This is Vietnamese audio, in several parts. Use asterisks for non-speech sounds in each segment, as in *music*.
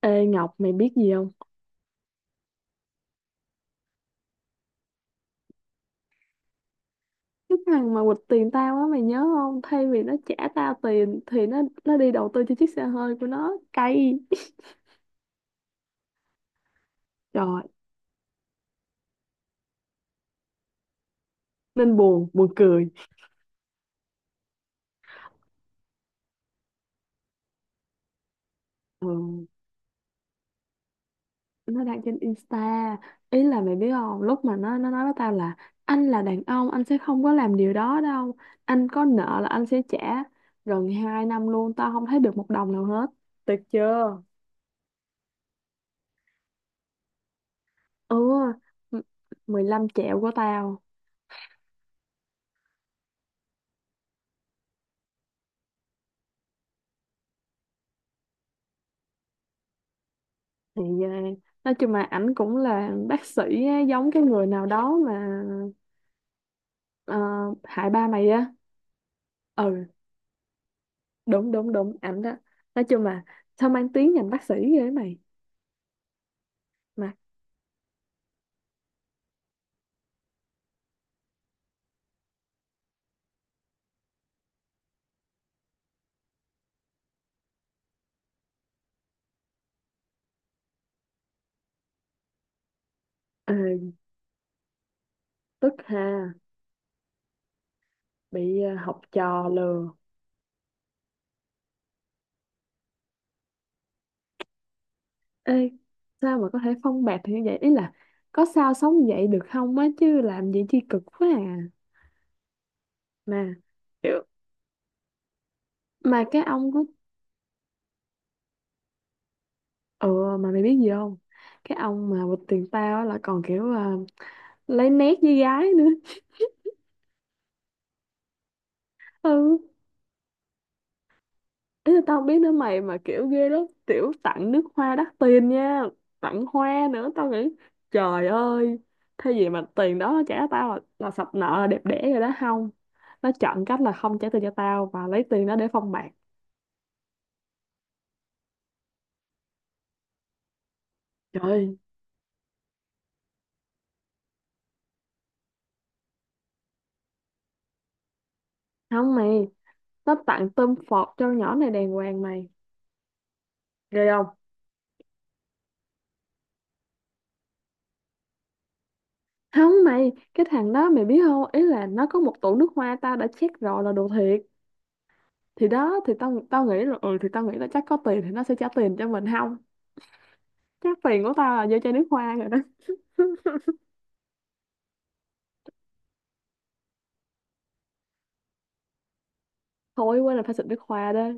Ê Ngọc, mày biết gì không? Cái thằng mà quỵt tiền tao á, mày nhớ không? Thay vì nó trả tao tiền thì nó đi đầu tư cho chiếc xe hơi của nó, cay. Trời, nên buồn, buồn cười. Ừ, nó đăng trên Insta. Ý là mày biết không? Lúc mà nó nói với tao là anh là đàn ông, anh sẽ không có làm điều đó đâu. Anh có nợ là anh sẽ trả. Gần 2 năm luôn tao không thấy được một đồng nào hết. Tuyệt chưa? Ừ, m- 15 triệu của tao. thì ờ, nói chung là ảnh cũng là bác sĩ á, giống cái người nào đó mà, ờ, hại ba mày á. Ừ, đúng đúng đúng, ảnh đó. Nói chung là sao mang tiếng ngành bác sĩ ghê ấy mày, mà ờ, tức ha. Bị, học trò lừa. Ê, sao mà có thể phong bạt thì như vậy, ý là có sao sống vậy được không á, chứ làm gì chi cực quá à. Mà kiểu, mà cái ông. Ừ, mà mày biết gì không? Cái ông mà bịt tiền tao á là còn kiểu à, lấy nét với gái nữa. Ừ. Ý là tao không biết nữa mày, mà kiểu ghê lắm. Tiểu tặng nước hoa đắt tiền nha. Tặng hoa nữa, tao nghĩ trời ơi. Thế gì mà tiền đó nó trả tao là sập nợ là đẹp đẽ rồi đó không? Nó chọn cách là không trả tiền cho tao và lấy tiền đó để phong bạc. Trời. Không mày, nó tặng tôm phọt cho nhỏ này đàng hoàng mày. Ghê không? Không mày, cái thằng đó mày biết không, ý là nó có một tủ nước hoa, tao đã check rồi là đồ thiệt. Thì đó, thì tao tao nghĩ là ừ, thì tao nghĩ là chắc có tiền thì nó sẽ trả tiền cho mình, không, chắc tiền của tao là vô chai nước hoa rồi đó. *laughs* Thôi quên, là phải xịt nước hoa đó.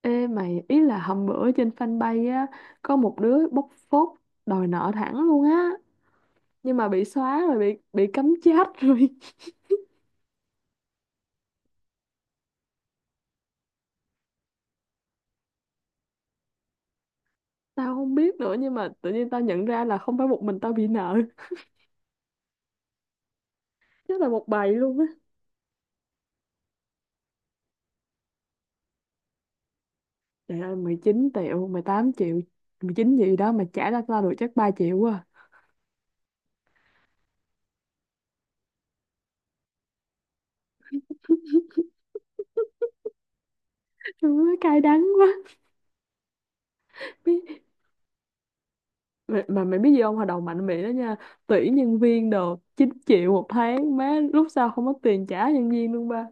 Ê mày, ý là hôm bữa trên fanpage á có một đứa bóc phốt, đòi nợ thẳng luôn á, nhưng mà bị xóa rồi, bị cấm chat rồi. *laughs* Tao không biết nữa, nhưng mà tự nhiên tao nhận ra là không phải một mình tao bị nợ, chắc là một bầy luôn á. Trời ơi, 19 triệu, 18 triệu, 19 gì đó, mà trả ra tao được chắc 3 triệu à. Trời ơi, cay đắng quá. Mày- mà mày biết gì không, hồi đầu mạnh miệng đó nha, tuyển nhân viên đồ 9 triệu một tháng, má, lúc sau không có tiền trả nhân viên luôn ba.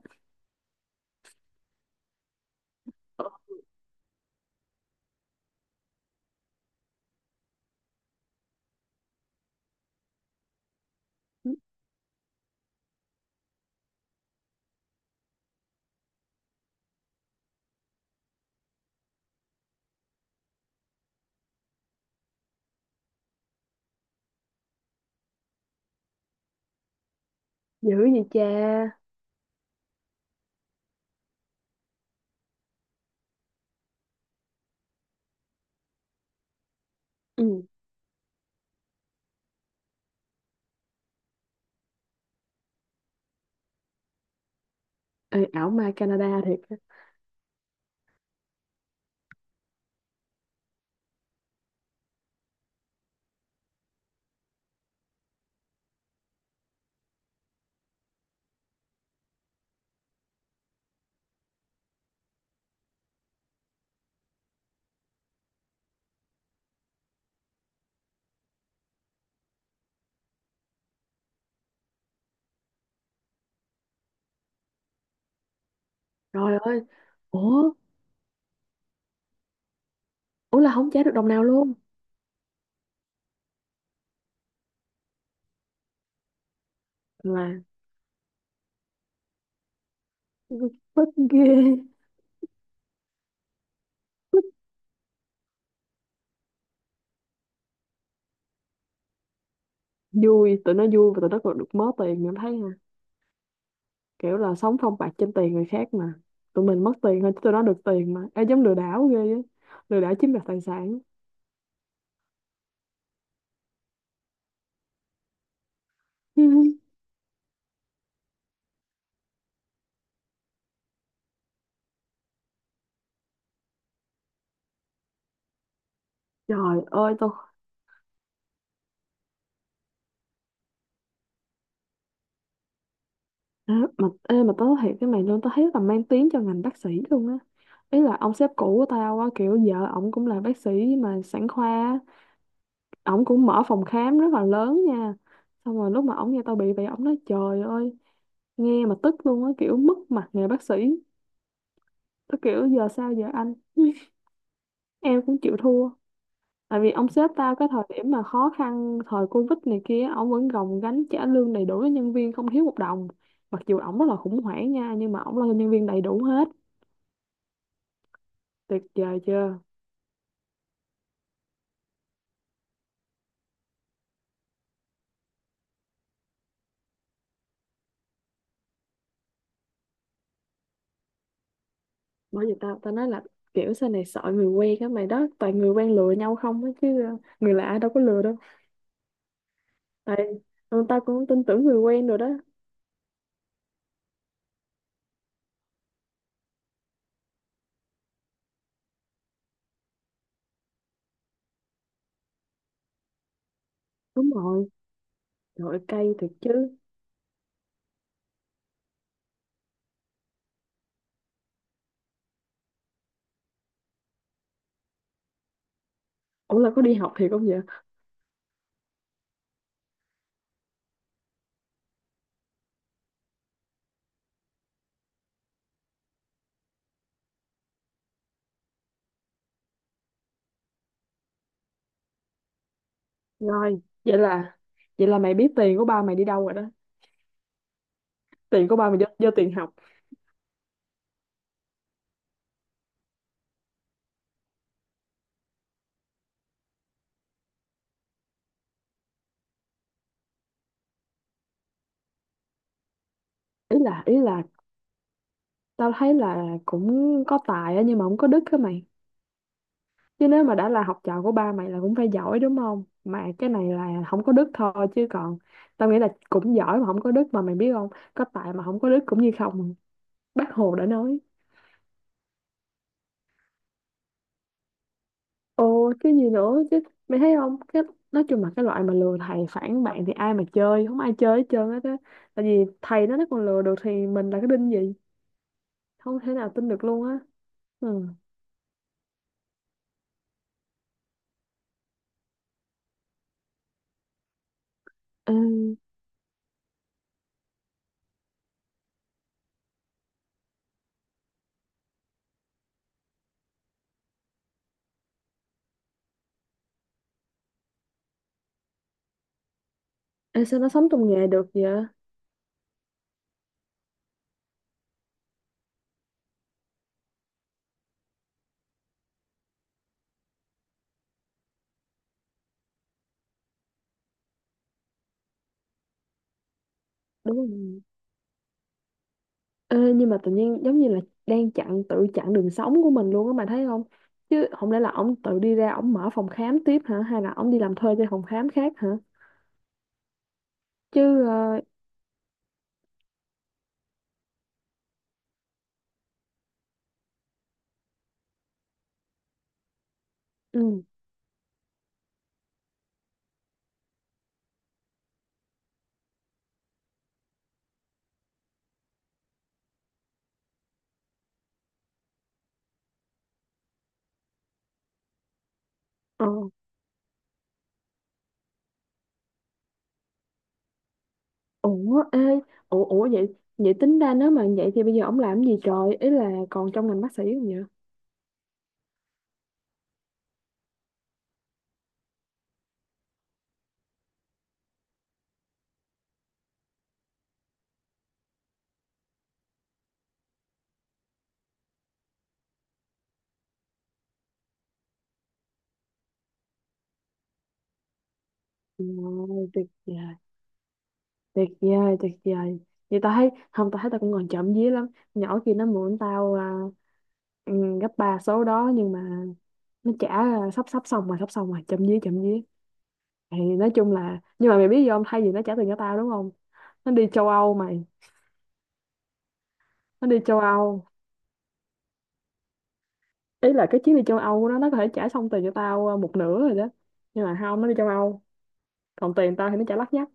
Dữ vậy cha. Ừ. Ê, ảo ma Canada thiệt rồi. Trời ơi. Ủa, ủa là không trả được đồng nào luôn. Là *laughs* tức ghê, tức. Vui, tụi nó vui và tụi nó còn được mớ tiền nữa thấy, kiểu là sống phong bạc trên tiền người khác mà, tụi mình mất tiền thôi chứ tụi nó được tiền mà. Ê, giống lừa đảo ghê á, lừa đảo chiếm đoạt tài sản. *laughs* Trời ơi tôi. Ê, mà tớ nói thiệt cái mày luôn, tao thấy là mang tiếng cho ngành bác sĩ luôn á. Ý là ông sếp cũ của tao á, kiểu vợ ổng cũng là bác sĩ mà sản khoa á. Ổng cũng mở phòng khám rất là lớn nha. Xong rồi lúc mà ổng nghe tao bị vậy, ổng nói trời ơi, nghe mà tức luôn á, kiểu mất mặt nghề bác sĩ. Tao kiểu giờ sao giờ anh *laughs* em cũng chịu thua. Tại vì ông sếp tao cái thời điểm mà khó khăn thời Covid này kia, ông vẫn gồng gánh trả lương đầy đủ cho nhân viên, không thiếu một đồng. Mặc dù ổng rất là khủng hoảng nha, nhưng mà ổng lo cho nhân viên đầy đủ hết. Tuyệt vời chưa. Bởi vì tao tao nói là kiểu sau này sợ người quen á mày, đó toàn người quen lừa nhau không á, chứ người lạ đâu có lừa đâu. Tại ừ, tao cũng tin tưởng người quen rồi đó. Đúng rồi. Trời ơi, cay thiệt chứ. Ủa là có đi học thiệt không vậy. Rồi vậy là, vậy là mày biết tiền của ba mày đi đâu rồi đó, tiền của ba mày do, do tiền học. Ý là, ý là tao thấy là cũng có tài á, nhưng mà không có đức á mày. Chứ nếu mà đã là học trò của ba mày là cũng phải giỏi đúng không? Mà cái này là không có đức thôi, chứ còn tao nghĩ là cũng giỏi, mà không có đức mà mày biết không? Có tài mà không có đức cũng như không. Bác Hồ đã nói. Ồ, cái gì nữa chứ, mày thấy không? Cái, nói chung là cái loại mà lừa thầy phản bạn thì ai mà chơi, không ai chơi hết trơn hết á. Tại vì thầy nó còn lừa được thì mình là cái đinh gì? Không thể nào tin được luôn á. Ừ. Ê, sao nó sống trong nghề được vậy? Đúng rồi. Ê, nhưng mà tự nhiên giống như là đang chặn, tự chặn đường sống của mình luôn á mà thấy không, chứ không lẽ là ổng tự đi ra ổng mở phòng khám tiếp hả, hay là ổng đi làm thuê cho phòng khám khác hả, chứ ừ. Ờ. Ủa ê, ủa ủa vậy, vậy tính ra nếu mà vậy thì bây giờ ổng làm cái gì trời, ý là còn trong ngành bác sĩ không vậy. Ờ, tuyệt vời, tuyệt vời tuyệt vời. Vậy tao thấy không, tao thấy tao cũng còn chậm vía lắm. Nhỏ kia nó mượn tao à, ừ, gấp ba số đó, nhưng mà nó trả là sắp sắp xong rồi, sắp xong rồi, chậm dí chậm dí. Thì nói chung là, nhưng mà mày biết gì không, thay vì nó trả tiền cho tao đúng không, nó đi châu Âu mày, nó đi châu Âu. Ý là cái chuyến đi châu Âu của nó có thể trả xong tiền cho tao một nửa rồi đó, nhưng mà không, nó đi châu Âu, còn tiền tao thì nó trả lắt nhắt.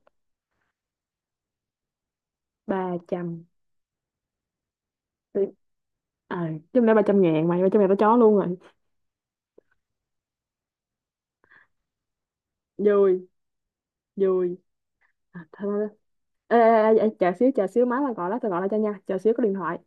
Ba trăm. Tiền, à, chung là ba trăm ngàn mày, ba trăm ngàn tao chó luôn rồi. Vui. Vui. À, thôi thôi, ê, ê, ê, ê, chờ xíu, chờ xíu, má tao gọi đó, tao gọi lại cho nha, chờ xíu, có điện thoại.